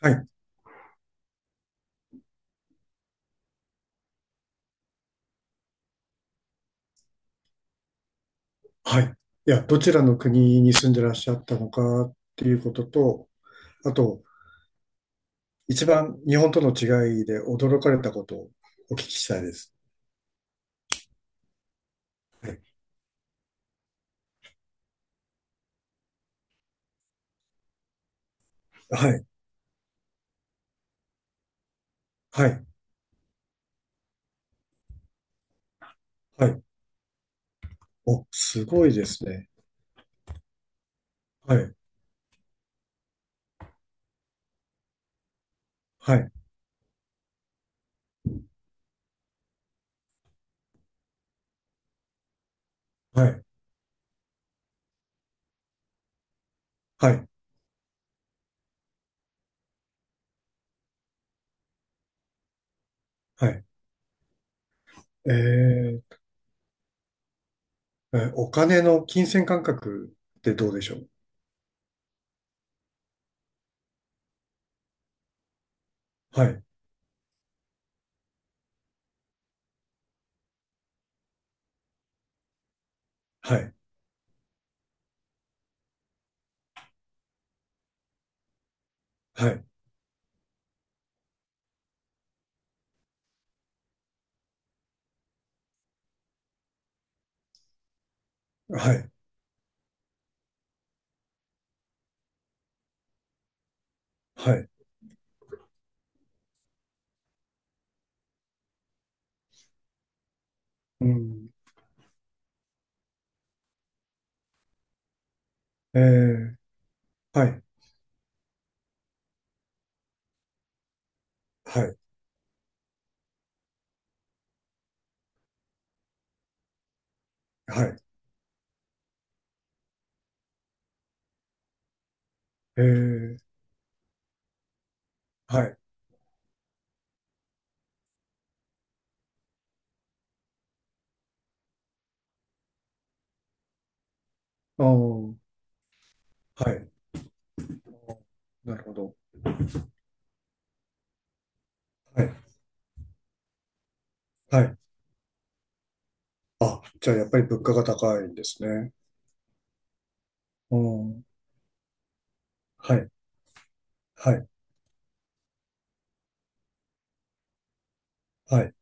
はい。はい。いや、どちらの国に住んでらっしゃったのかっていうことと、あと、一番日本との違いで驚かれたことをお聞きしたいです。はい。はい。はい。はい。お、すごいですね。はい。はい。はい。はい。はい。えー、お金の金銭感覚ってどうでしょう？はい。はい。はい。はい。はい。うん。えー、はい。はい。はい。えー、はい。あー、はい。なるほど。はい。はい。あ、じゃあやっぱり物価が高いんですね。うん。はい。はい。はい。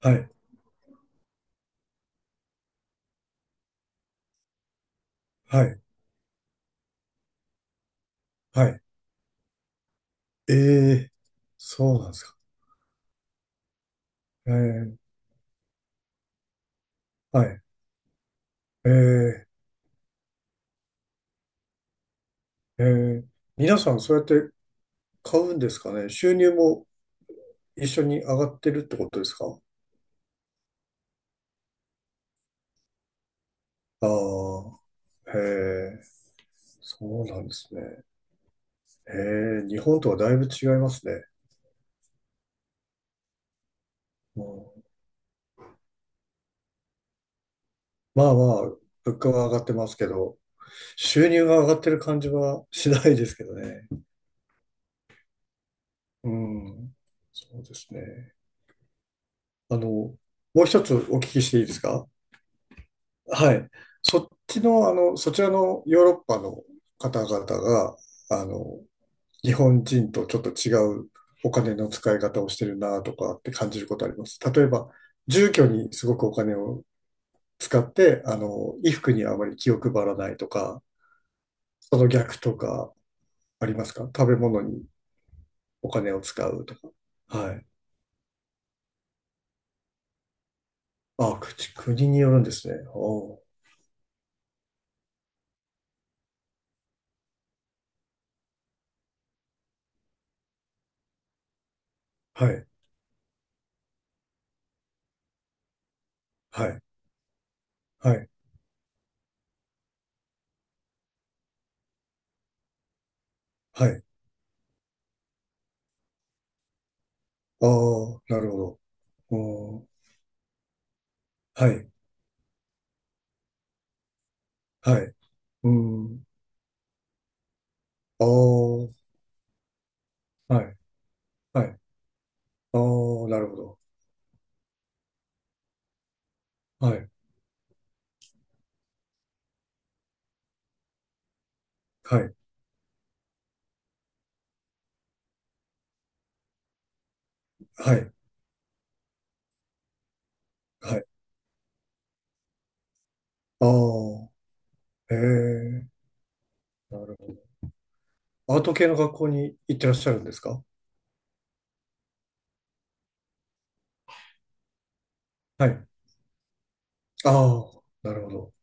はい。はい。はい。ええ、そうなんですか。ええ、はい。ええ、ええ。皆さんそうやって買うんですかね。収入も一緒に上がってるってことですか？ああ、へえ、そうなんですね。へえ、日本とはだいぶ違いますね。うん。まあまあ、物価は上がってますけど、収入が上がってる感じはしないですけどね。うん。そうですね。あの、もう一つお聞きしていいですか？はい。そちらのヨーロッパの方々が、あの、日本人とちょっと違うお金の使い方をしてるなとかって感じることあります？例えば、住居にすごくお金を使って、衣服にあまり気を配らないとか、その逆とか、ありますか？食べ物にお金を使うとか。はい。あ、国によるんですね。おー、はい。はい。はい。はい。ああ、なるほど。おー、はい。はい。うーん。ああ、はい。はい。ああ、なるほど。はい。はい。はい。はい。ああ、ええ、なるほど。アート系の学校に行ってらっしゃるんですか？はい。ああ、なるほど。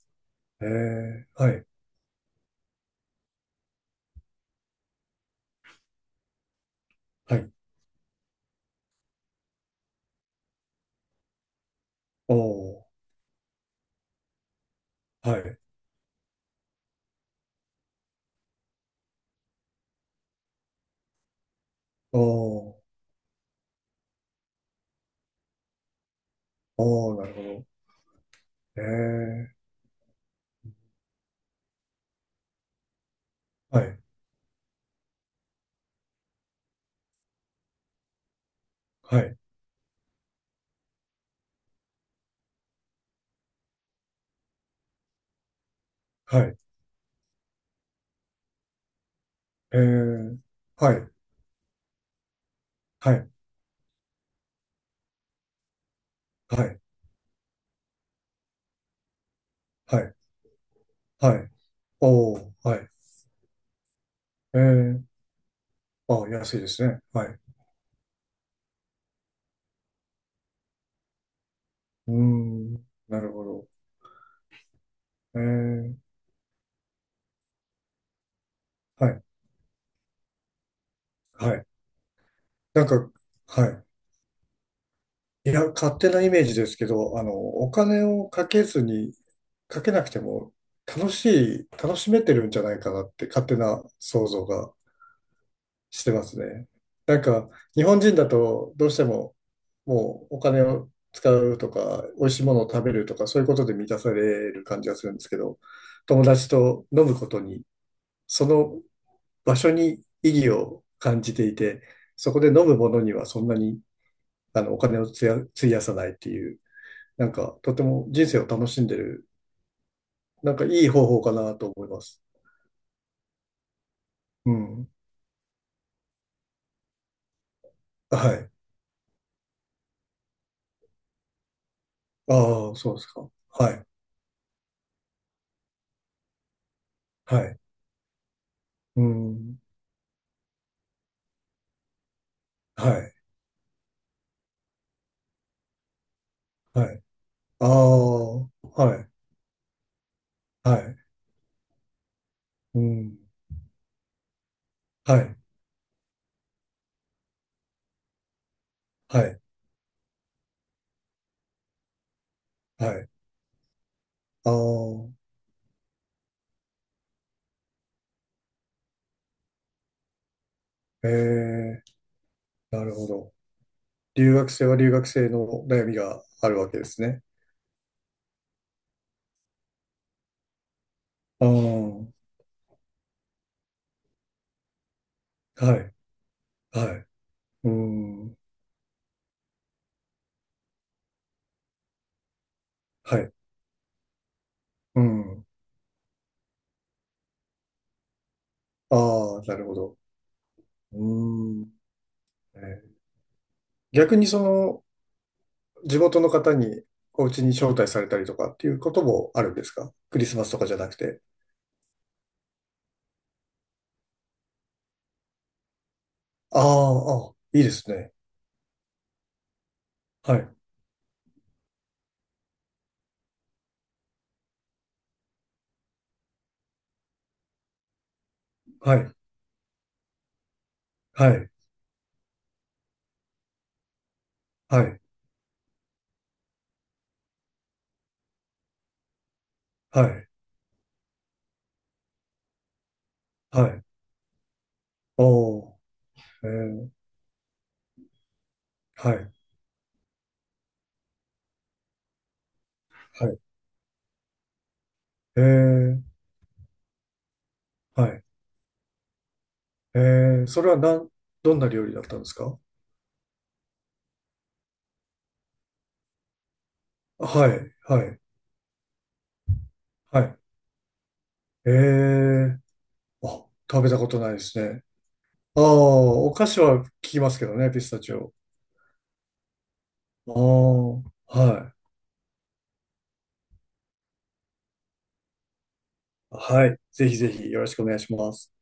ええ、はい。はい。おー、はい。おー、おー、なるほど。ええ、はい、はい、はい、ええ、はい、はい、はい、はい、はい、おお、はい、ええ、あ、安いですね。はい。うーん、なるほど。ええ、はい、はい。なんか、はい。いや、勝手なイメージですけど、お金をかけずに、かけなくても、楽しめてるんじゃないかなって、勝手な想像がしてますね。なんか、日本人だとどうしても、もうお金を使うとか、美味しいものを食べるとか、そういうことで満たされる感じがするんですけど、友達と飲むことに、その場所に意義を感じていて、そこで飲むものにはそんなにお金を費やさないっていう、なんか、とても人生を楽しんでる、なんかいい方法かなと思います。うん。はい。ああ、そうですか。はい。はい。うん。はい。はい。ああ、はい、はい、うん、はい、はい、はい、ああ、ええ、なるほど。留学生は留学生の悩みがあるわけですね。ああ、はい、はい、うん、はい、うん、ああ、なるほど。うん、えー逆にその、地元の方にお家に招待されたりとかっていうこともあるんですか？クリスマスとかじゃなくて。ああ、ああ、いいですね。はい、はい、はい、はい、はい、はい。おー、えー、はい、はい、えー、はい、えそれはどんな料理だったんですか？はい、はい、はい、えー、あ、食べたことないですね。ああ、お菓子は聞きますけどね、ピスタチオ。ああ、はい、はい、ぜひぜひよろしくお願いします。